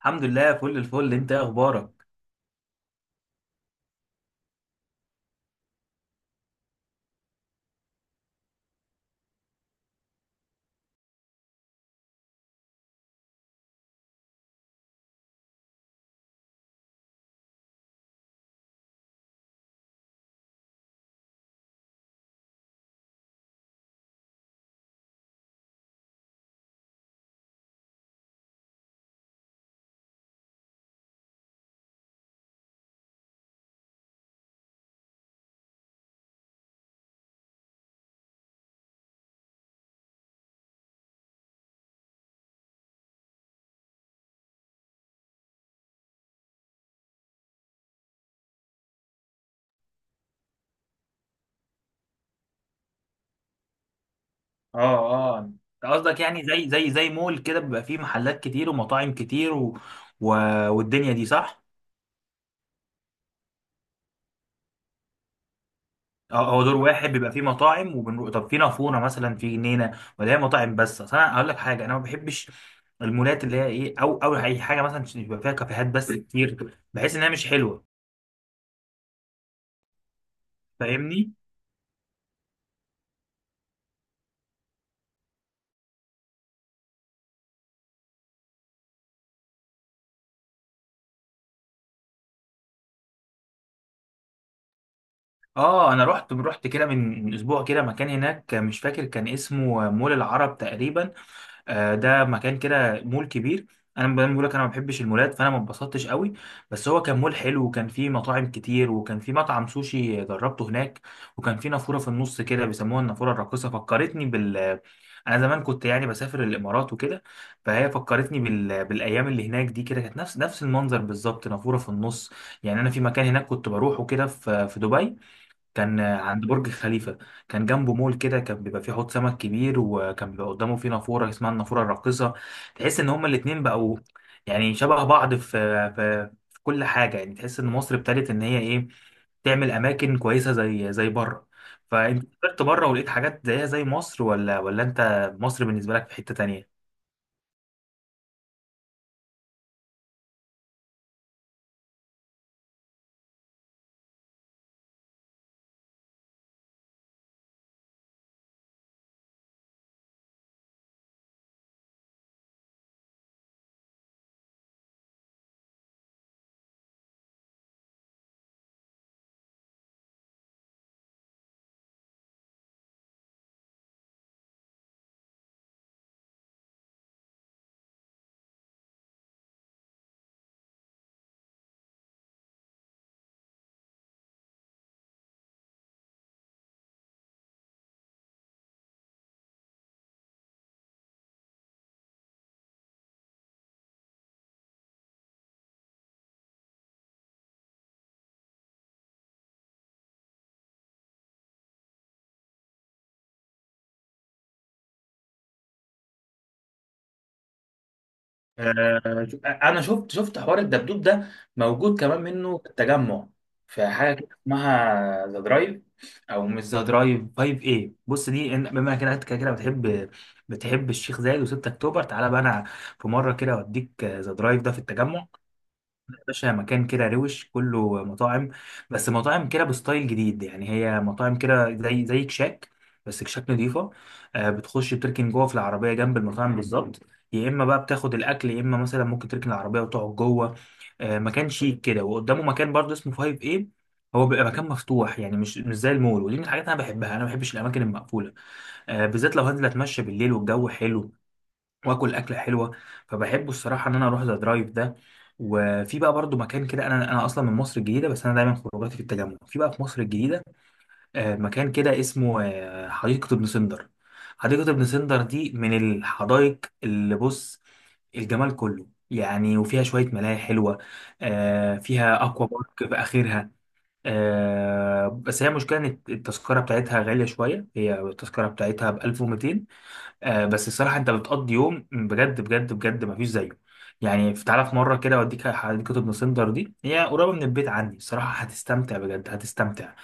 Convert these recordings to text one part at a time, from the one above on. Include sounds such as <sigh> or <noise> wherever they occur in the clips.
الحمد لله فل الفل، انت ايه اخبارك؟ اه اه، انت قصدك يعني زي مول كده بيبقى فيه محلات كتير ومطاعم كتير و... والدنيا دي صح؟ اه، هو دور واحد بيبقى فيه مطاعم، وبنروح طب في نافوره مثلا في جنينه ولا هي مطاعم بس؟ اصل انا اقول لك حاجه، انا ما بحبش المولات اللي هي ايه، او اي حاجه مثلا بيبقى فيها كافيهات بس كتير، بحس انها مش حلوه. فاهمني؟ اه، انا رحت كده من اسبوع كده مكان هناك، مش فاكر كان اسمه مول العرب تقريبا. آه، ده مكان كده مول كبير. انا بقول لك، انا ما بحبش المولات، فانا ما اتبسطتش قوي. بس هو كان مول حلو، وكان فيه مطاعم كتير، وكان فيه مطعم سوشي جربته هناك، وكان فيه نافوره في النص كده بيسموها النافوره الراقصه، فكرتني بال. انا زمان كنت يعني بسافر الامارات وكده، فهي فكرتني بالايام اللي هناك دي، كده كانت نفس المنظر بالظبط، نافوره في النص. يعني انا في مكان هناك كنت بروحه كده، في دبي، كان عند برج خليفة، كان جنبه مول كده، كان بيبقى فيه حوض سمك كبير، وكان بيبقى قدامه فيه نافورة اسمها النافورة الراقصة. تحس ان هما الاتنين بقوا يعني شبه بعض في في كل حاجة. يعني تحس ان مصر ابتدت ان هي ايه، تعمل اماكن كويسة زي زي بره. فانت سافرت بره ولقيت حاجات زيها زي مصر، ولا انت مصر بالنسبة لك في حتة تانية؟ آه، انا شفت حوار الدبدوب ده، موجود كمان منه في التجمع. في حاجه كده اسمها ذا درايف، او مش ذا درايف، 5 ايه. بص، دي بما كده انت كده كده بتحب، بتحب الشيخ زايد و6 اكتوبر، تعالى بقى انا في مره كده اوديك ذا درايف ده في التجمع. باشا، مكان كده روش، كله مطاعم، بس مطاعم كده بستايل جديد. يعني هي مطاعم كده زي زي كشاك، بس كشاك نضيفة. آه، بتخش بتركن جوه في العربية جنب المطاعم بالظبط، يا إما بقى بتاخد الأكل يا إما مثلا ممكن تركن العربية وتقعد جوه. آه، مكان شيك كده، وقدامه مكان برضه اسمه 5 ايه. هو بيبقى مكان مفتوح، يعني مش زي المول. ودي من الحاجات انا بحبها، انا ما بحبش الاماكن المقفوله. آه، بالذات لو هنزل اتمشى بالليل والجو حلو، واكل اكله حلوه. فبحبه الصراحه ان انا اروح ذا درايف ده. وفي بقى برضو مكان كده، انا اصلا من مصر الجديده، بس انا دايما خروجاتي في التجمع، في بقى في مصر الجديده. آه، مكان كده اسمه، آه، حديقه ابن سندر. حديقه ابن سندر دي من الحدائق اللي بص، الجمال كله. يعني وفيها شوية ملاهي حلوة. آه، فيها أكوا بارك في آخرها. آه، بس هي مشكلة إن التذكرة بتاعتها غالية شوية، هي التذكرة بتاعتها ب 1200. آه، بس الصراحه انت بتقضي يوم بجد بجد بجد، ما فيش زيه. يعني تعالى في مره كده اوديك حديقه ابن سندر دي، هي قريبه من البيت عندي. الصراحه هتستمتع بجد، هتستمتع.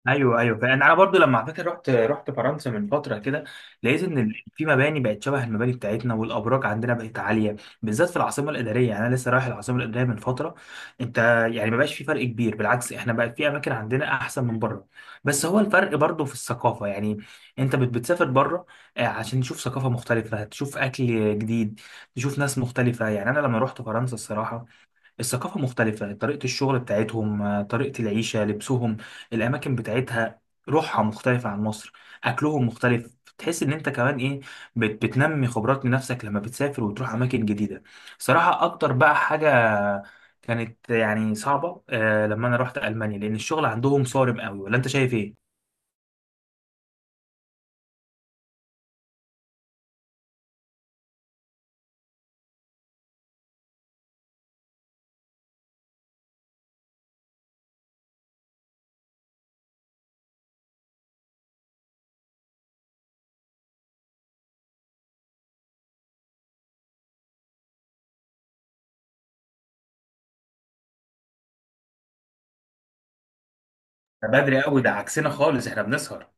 ايوه ايوه، فانا انا برضو لما، على فكره، رحت فرنسا من فتره كده، لقيت ان في مباني بقت شبه المباني بتاعتنا، والابراج عندنا بقت عاليه، بالذات في العاصمه الاداريه. يعني انا لسه رايح العاصمه الاداريه من فتره، انت. يعني ما بقاش في فرق كبير، بالعكس احنا بقى في اماكن عندنا احسن من بره. بس هو الفرق برضو في الثقافه. يعني انت بتسافر بره، آه، عشان تشوف ثقافه مختلفه، تشوف اكل جديد، تشوف ناس مختلفه. يعني انا لما رحت فرنسا، الصراحه الثقافة مختلفة، طريقة الشغل بتاعتهم، آه، طريقة العيشة، لبسهم، الأماكن بتاعتها، روحها مختلفة عن مصر، أكلهم مختلف. تحس إن أنت كمان إيه، بتنمي خبرات لنفسك لما بتسافر وتروح أماكن جديدة. صراحة أكتر بقى حاجة كانت يعني صعبة، آه، لما أنا رحت ألمانيا، لأن الشغل عندهم صارم قوي. ولا أنت شايف إيه؟ ده بدري قوي، ده عكسنا خالص، احنا بنسهر.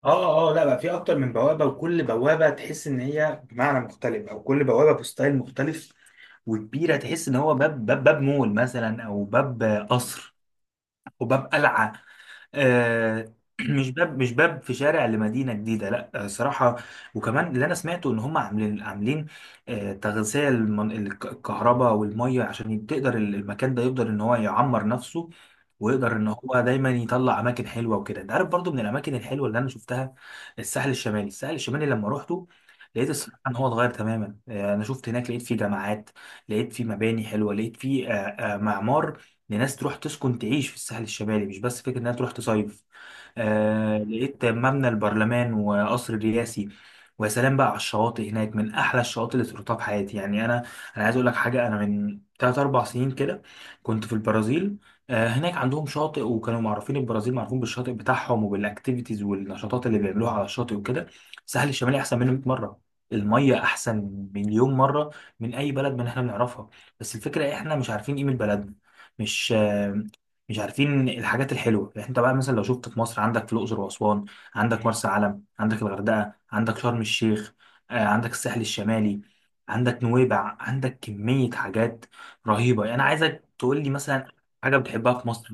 اه اه، لا بقى في اكتر من بوابه، وكل بوابه تحس ان هي بمعنى مختلف، او كل بوابه بستايل مختلف وكبيره. تحس ان هو باب، باب مول مثلا، او باب قصر، او باب قلعه. آه، <clears throat> مش باب، مش باب في شارع لمدينه جديده، لا. آه، صراحه. وكمان اللي انا سمعته ان هم عاملين، آه، تغذيه الكهرباء والميه، عشان تقدر المكان ده يقدر ان هو يعمر نفسه، ويقدر ان هو دايما يطلع اماكن حلوه وكده. انت عارف برضو من الاماكن الحلوه اللي انا شفتها، الساحل الشمالي. الساحل الشمالي لما روحته، لقيت الصراحه ان هو اتغير تماما. آه، انا شفت هناك، لقيت فيه جامعات، لقيت فيه مباني حلوه، لقيت فيه، آه، آه، معمار. ان ناس تروح تسكن تعيش في الساحل الشمالي، مش بس فكره انها تروح تصيف. آه، لقيت مبنى البرلمان وقصر الرئاسي. ويا سلام بقى على الشواطئ هناك، من احلى الشواطئ اللي زرتها في حياتي. يعني انا، انا عايز اقول لك حاجه، انا من 3 4 سنين كده كنت في البرازيل. آه، هناك عندهم شاطئ، وكانوا معروفين البرازيل، معروفين بالشاطئ بتاعهم وبالاكتيفيتيز والنشاطات اللي بيعملوها على الشاطئ وكده. الساحل الشمالي احسن منه 100 مره، المية أحسن، مليون مرة، من أي بلد من إحنا بنعرفها. بس الفكرة إيه، إحنا مش عارفين قيمة بلدنا، مش مش عارفين الحاجات الحلوه. يعني انت بقى مثلا لو شفت في مصر، عندك في الاقصر واسوان، عندك مرسى علم، عندك الغردقه، عندك شرم الشيخ، آه، عندك الساحل الشمالي، عندك نويبع، عندك كميه حاجات رهيبه. يعني انا عايزك تقول لي مثلا حاجه بتحبها في مصر.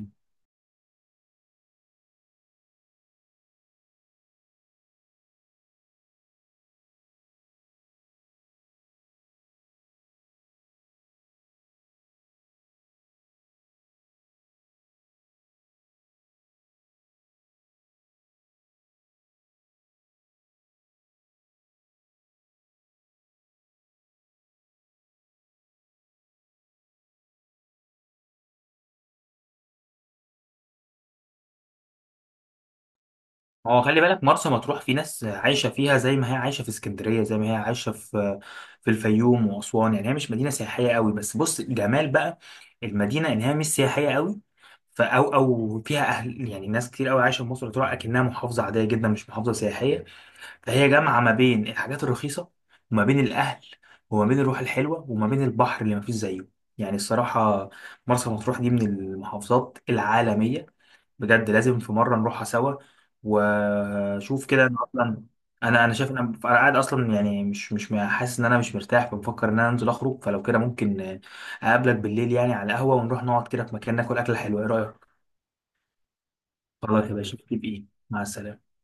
هو خلي بالك، مرسى مطروح في ناس عايشة فيها زي ما هي عايشة في اسكندرية، زي ما هي عايشة في في الفيوم وأسوان. يعني هي مش مدينة سياحية قوي، بس بص الجمال بقى المدينة، إن هي مش سياحية قوي، فأو فيها أهل. يعني ناس كتير قوي عايشة في مصر تروح أكنها محافظة عادية جدا، مش محافظة سياحية. فهي جامعة ما بين الحاجات الرخيصة، وما بين الأهل، وما بين الروح الحلوة، وما بين البحر اللي مفيش زيه. يعني الصراحة، مرسى مطروح دي من المحافظات العالمية بجد. لازم في مرة نروحها سوا، وشوف كده. أنا أصلا، أنا شايف إن أنا قاعد أصلا، يعني مش حاسس إن أنا مش مرتاح، فبفكر إن أنا أنزل أخرج. فلو كده ممكن أقابلك بالليل يعني على القهوة، ونروح نقعد كده في مكان ناكل أكلة حلوة، إيه رأيك؟ خلاص يا باشا، في بإيه، مع السلامة.